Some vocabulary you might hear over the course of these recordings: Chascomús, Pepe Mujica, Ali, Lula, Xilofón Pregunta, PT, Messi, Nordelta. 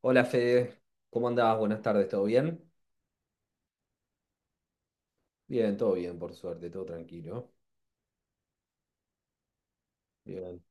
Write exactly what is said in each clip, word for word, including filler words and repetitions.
Hola Fede, ¿cómo andás? Buenas tardes, ¿todo bien? Bien, todo bien, por suerte, todo tranquilo. Bien.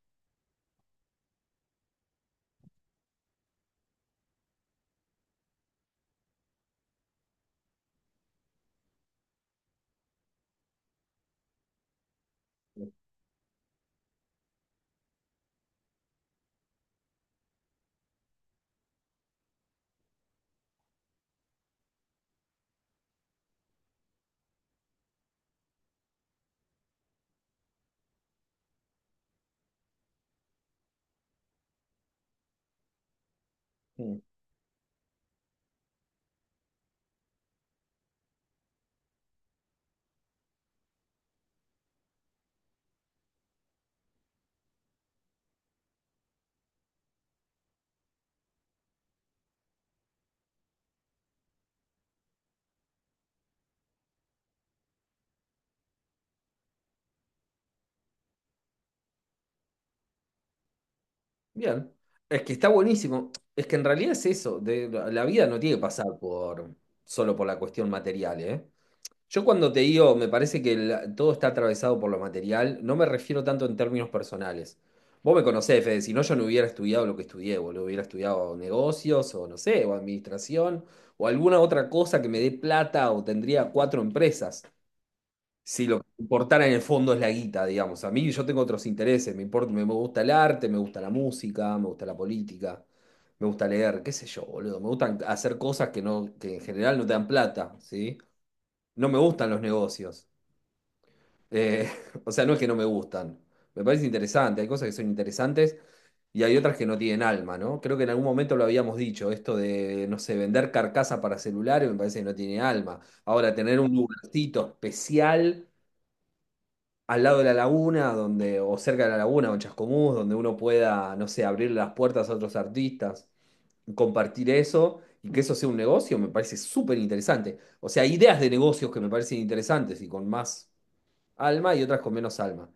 Mm, Bien. Es que está buenísimo. Es que en realidad es eso, de, la vida no tiene que pasar por, solo por la cuestión material, ¿eh? Yo cuando te digo, me parece que la- todo está atravesado por lo material, no me refiero tanto en términos personales. Vos me conocés, Fede, si no yo no hubiera estudiado lo que estudié, boludo, hubiera estudiado negocios o no sé, o administración o alguna otra cosa que me dé plata o tendría cuatro empresas. Si lo que me importara en el fondo es la guita, digamos. A mí yo tengo otros intereses, me importa, me, me gusta el arte, me gusta la música, me gusta la política, me gusta leer, qué sé yo, boludo. Me gustan hacer cosas que no, que en general no te dan plata, ¿sí? No me gustan los negocios. Eh, o sea, no es que no me gustan. Me parece interesante, hay cosas que son interesantes y hay otras que no tienen alma, ¿no? Creo que en algún momento lo habíamos dicho, esto de, no sé, vender carcasa para celulares me parece que no tiene alma. Ahora, tener un lugarcito especial al lado de la laguna, donde, o cerca de la laguna, o en Chascomús, donde uno pueda, no sé, abrir las puertas a otros artistas, compartir eso y que eso sea un negocio, me parece súper interesante. O sea, hay ideas de negocios que me parecen interesantes y con más alma y otras con menos alma.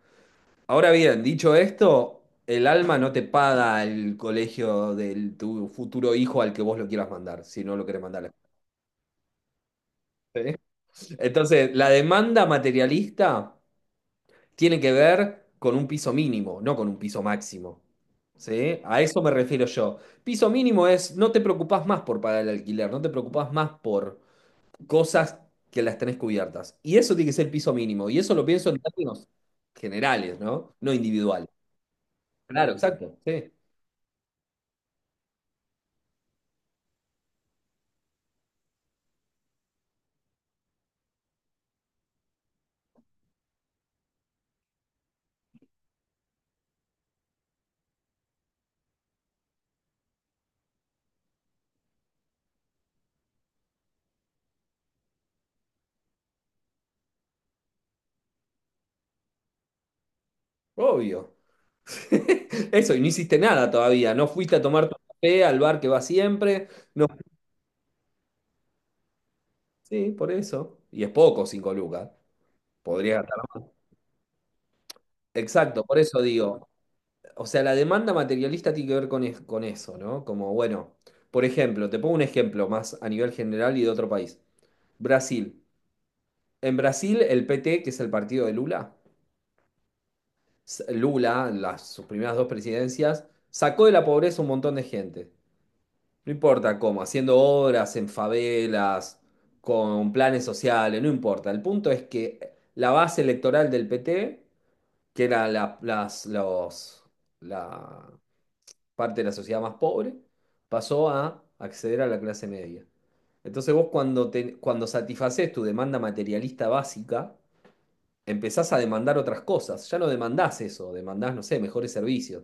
Ahora bien, dicho esto, el alma no te paga el colegio de tu futuro hijo al que vos lo quieras mandar, si no lo querés mandar. ¿Sí? Entonces, la demanda materialista tiene que ver con un piso mínimo, no con un piso máximo. ¿Sí? A eso me refiero yo. Piso mínimo es no te preocupás más por pagar el alquiler, no te preocupás más por cosas que las tenés cubiertas. Y eso tiene que ser el piso mínimo. Y eso lo pienso en términos generales, ¿no? No individuales. Claro, exacto. Sí, obvio. Eso, y no hiciste nada todavía. No fuiste a tomar tu café al bar que va siempre. No. Sí, por eso. Y es poco, cinco lucas. Podría gastar. Exacto, por eso digo. O sea, la demanda materialista tiene que ver con, es- con eso, ¿no? Como, bueno, por ejemplo, te pongo un ejemplo más a nivel general y de otro país. Brasil. En Brasil, el P T, que es el partido de Lula, s- Lula, las, sus primeras dos presidencias, sacó de la pobreza un montón de gente. No importa cómo, haciendo obras en favelas, con planes sociales, no importa. El punto es que la base electoral del P T, que era la, las, los, la- parte de la sociedad más pobre, pasó a acceder a la clase media. Entonces vos cuando, te- cuando satisfaces tu demanda materialista básica, empezás a demandar otras cosas. Ya no demandás eso, demandás, no sé, mejores servicios.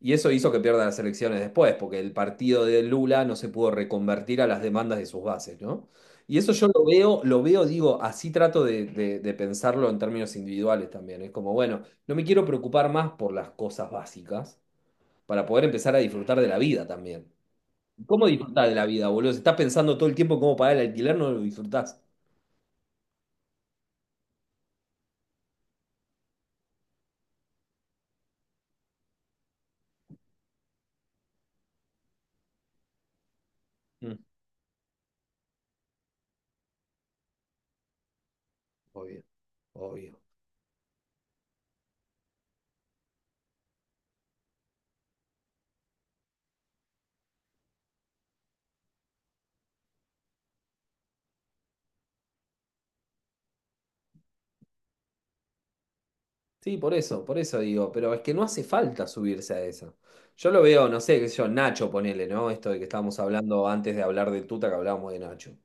Y eso hizo que pierda las elecciones después, porque el partido de Lula no se pudo reconvertir a las demandas de sus bases, ¿no? Y eso yo lo veo, lo veo, digo, así trato de, de- de pensarlo en términos individuales también. Es como, bueno, no me quiero preocupar más por las cosas básicas, para poder empezar a disfrutar de la vida también. ¿Cómo disfrutar de la vida, boludo? Si estás pensando todo el tiempo cómo pagar el alquiler, no lo disfrutás. Mm. Obvio, obvio. Sí, por eso, por eso digo, pero es que no hace falta subirse a eso. Yo lo veo, no sé, qué sé yo, Nacho, ponele, ¿no? Esto de que estábamos hablando antes de hablar de Tuta, que hablábamos de Nacho.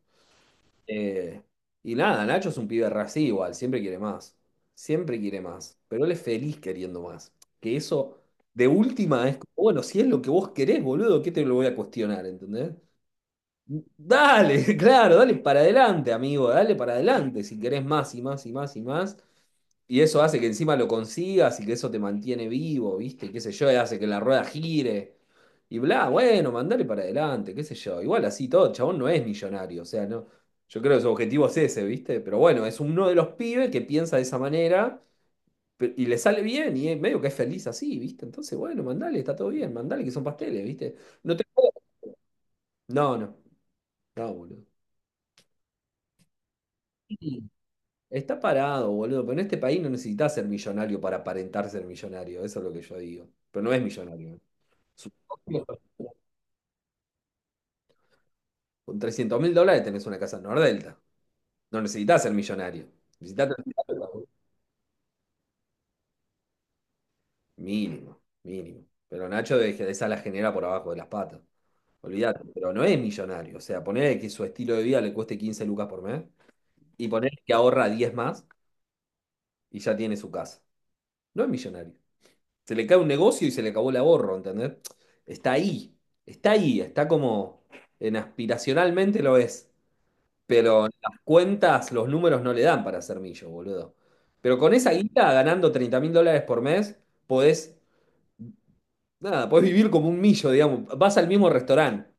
Eh, y nada, Nacho es un pibe re así igual, siempre quiere más, siempre quiere más, pero él es feliz queriendo más. Que eso, de última, es como, bueno, si es lo que vos querés, boludo, ¿qué te lo voy a cuestionar, ¿entendés? Dale, claro, dale para adelante, amigo, dale para adelante, si querés más y más y más y más. Y eso hace que encima lo consigas y que eso te mantiene vivo, ¿viste? Qué sé yo, y hace que la rueda gire. Y bla, bueno, mandale para adelante, qué sé yo. Igual así todo, el chabón no es millonario, o sea, no. Yo creo que su objetivo es ese, ¿viste? Pero bueno, es uno de los pibes que piensa de esa manera pe- y le sale bien y es medio que es feliz así, ¿viste? Entonces, bueno, mandale, está todo bien, mandale que son pasteles, ¿viste? No te... No, no, no, boludo. Está parado, boludo, pero en este país no necesitas ser millonario para aparentar ser millonario, eso es lo que yo digo. Pero no es millonario. Supongo. Con trescientos mil dólares tenés una casa en Nordelta. No necesitas ser millonario. Necesitas tener plata, boludo. Mínimo, mínimo. Pero Nacho de que esa la genera por abajo de las patas. Olvídate, pero no es millonario. O sea, poner que su estilo de vida le cueste quince lucas por mes y poner que ahorra diez más y ya tiene su casa. No es millonario. Se le cae un negocio y se le acabó el ahorro, ¿entendés? Está ahí, está ahí, está como en aspiracionalmente lo es, pero las cuentas, los números no le dan para ser millo, boludo. Pero con esa guita, ganando treinta mil dólares por mes, podés, nada, podés vivir como un millo, digamos. Vas al mismo restaurante.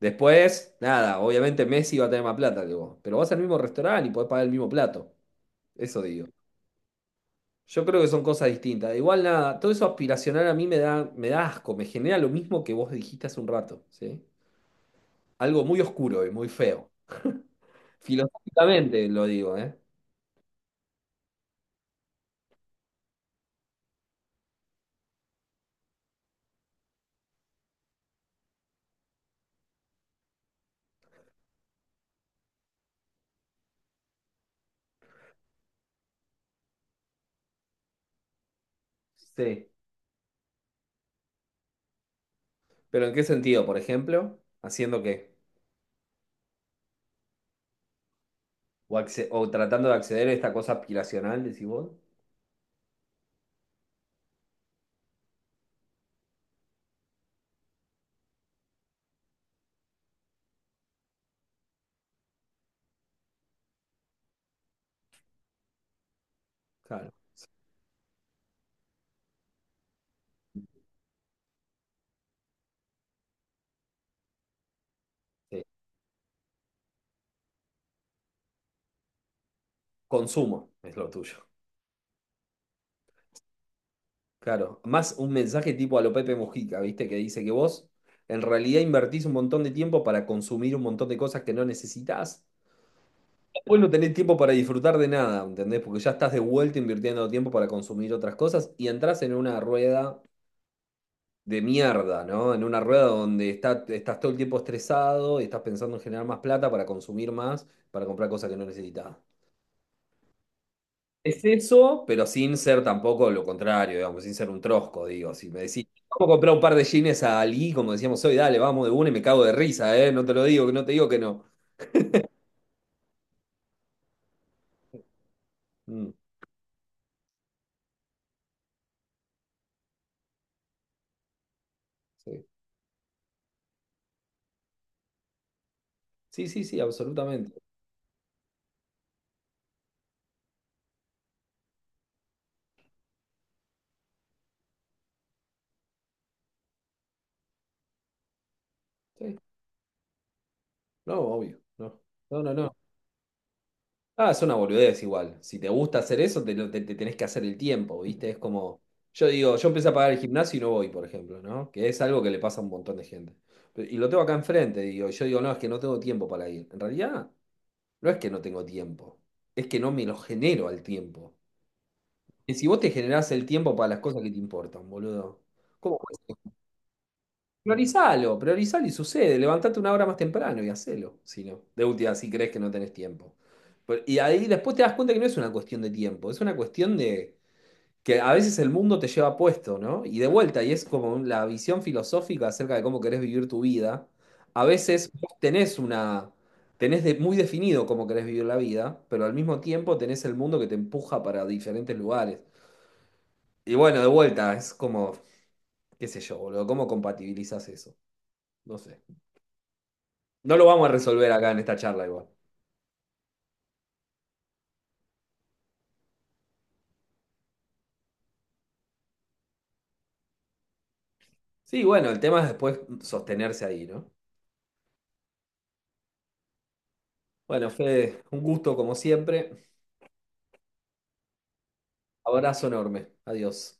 Después, nada, obviamente Messi va a tener más plata que vos, pero vas al mismo restaurante y podés pagar el mismo plato. Eso digo. Yo creo que son cosas distintas. Igual nada, todo eso aspiracional a mí me da, me da asco, me genera lo mismo que vos dijiste hace un rato, ¿sí? Algo muy oscuro y muy feo. Filosóficamente lo digo, ¿eh? Sí. ¿Pero en qué sentido? Por ejemplo, ¿haciendo qué? O, acce- o tratando de acceder a esta cosa aspiracional, decís vos. Claro. Sí. Consumo es lo tuyo. Claro. Más un mensaje tipo a lo Pepe Mujica, ¿viste? Que dice que vos en realidad invertís un montón de tiempo para consumir un montón de cosas que no necesitas. Vos no tenés tiempo para disfrutar de nada, ¿entendés? Porque ya estás de vuelta invirtiendo tiempo para consumir otras cosas y entras en una rueda de mierda, ¿no? En una rueda donde está- estás todo el tiempo estresado y estás pensando en generar más plata para consumir más, para comprar cosas que no necesitas. Es eso, pero sin ser tampoco lo contrario, digamos, sin ser un trosco, digo. Si me decís, vamos a comprar un par de jeans a Ali, como decíamos hoy, dale, vamos de una y me cago de risa, ¿eh? No te lo digo, no te digo que no. Mm, sí, sí, sí, sí, absolutamente. Sí. No, obvio, no. No, no, no. Ah, es una boludez igual. Si te gusta hacer eso, te, lo- te- te tenés que hacer el tiempo, ¿viste? Es como, yo digo, yo empecé a pagar el gimnasio y no voy, por ejemplo, ¿no? Que es algo que le pasa a un montón de gente. Pero- y lo tengo acá enfrente, digo, y yo digo, no, es que no tengo tiempo para ir. En realidad, no es que no tengo tiempo, es que no me lo genero al tiempo. Y si vos te generás el tiempo para las cosas que te importan, boludo, ¿cómo? Priorizalo, priorizalo y sucede. Levantate una hora más temprano y hacelo. Si no, de última, si crees que no tenés tiempo. Pero- Y ahí después te das cuenta que no es una cuestión de tiempo, es una cuestión de que a veces el mundo te lleva puesto, ¿no? Y de vuelta, y es como un- la visión filosófica acerca de cómo querés vivir tu vida. A veces vos tenés una, tenés de- muy definido cómo querés vivir la vida, pero al mismo tiempo tenés el mundo que te empuja para diferentes lugares. Y bueno, de vuelta, es como, qué sé yo, boludo, ¿cómo compatibilizás eso? No sé. No lo vamos a resolver acá en esta charla igual. Sí, bueno, el tema es después sostenerse ahí, ¿no? Bueno, Fede, un gusto como siempre. Abrazo enorme. Adiós.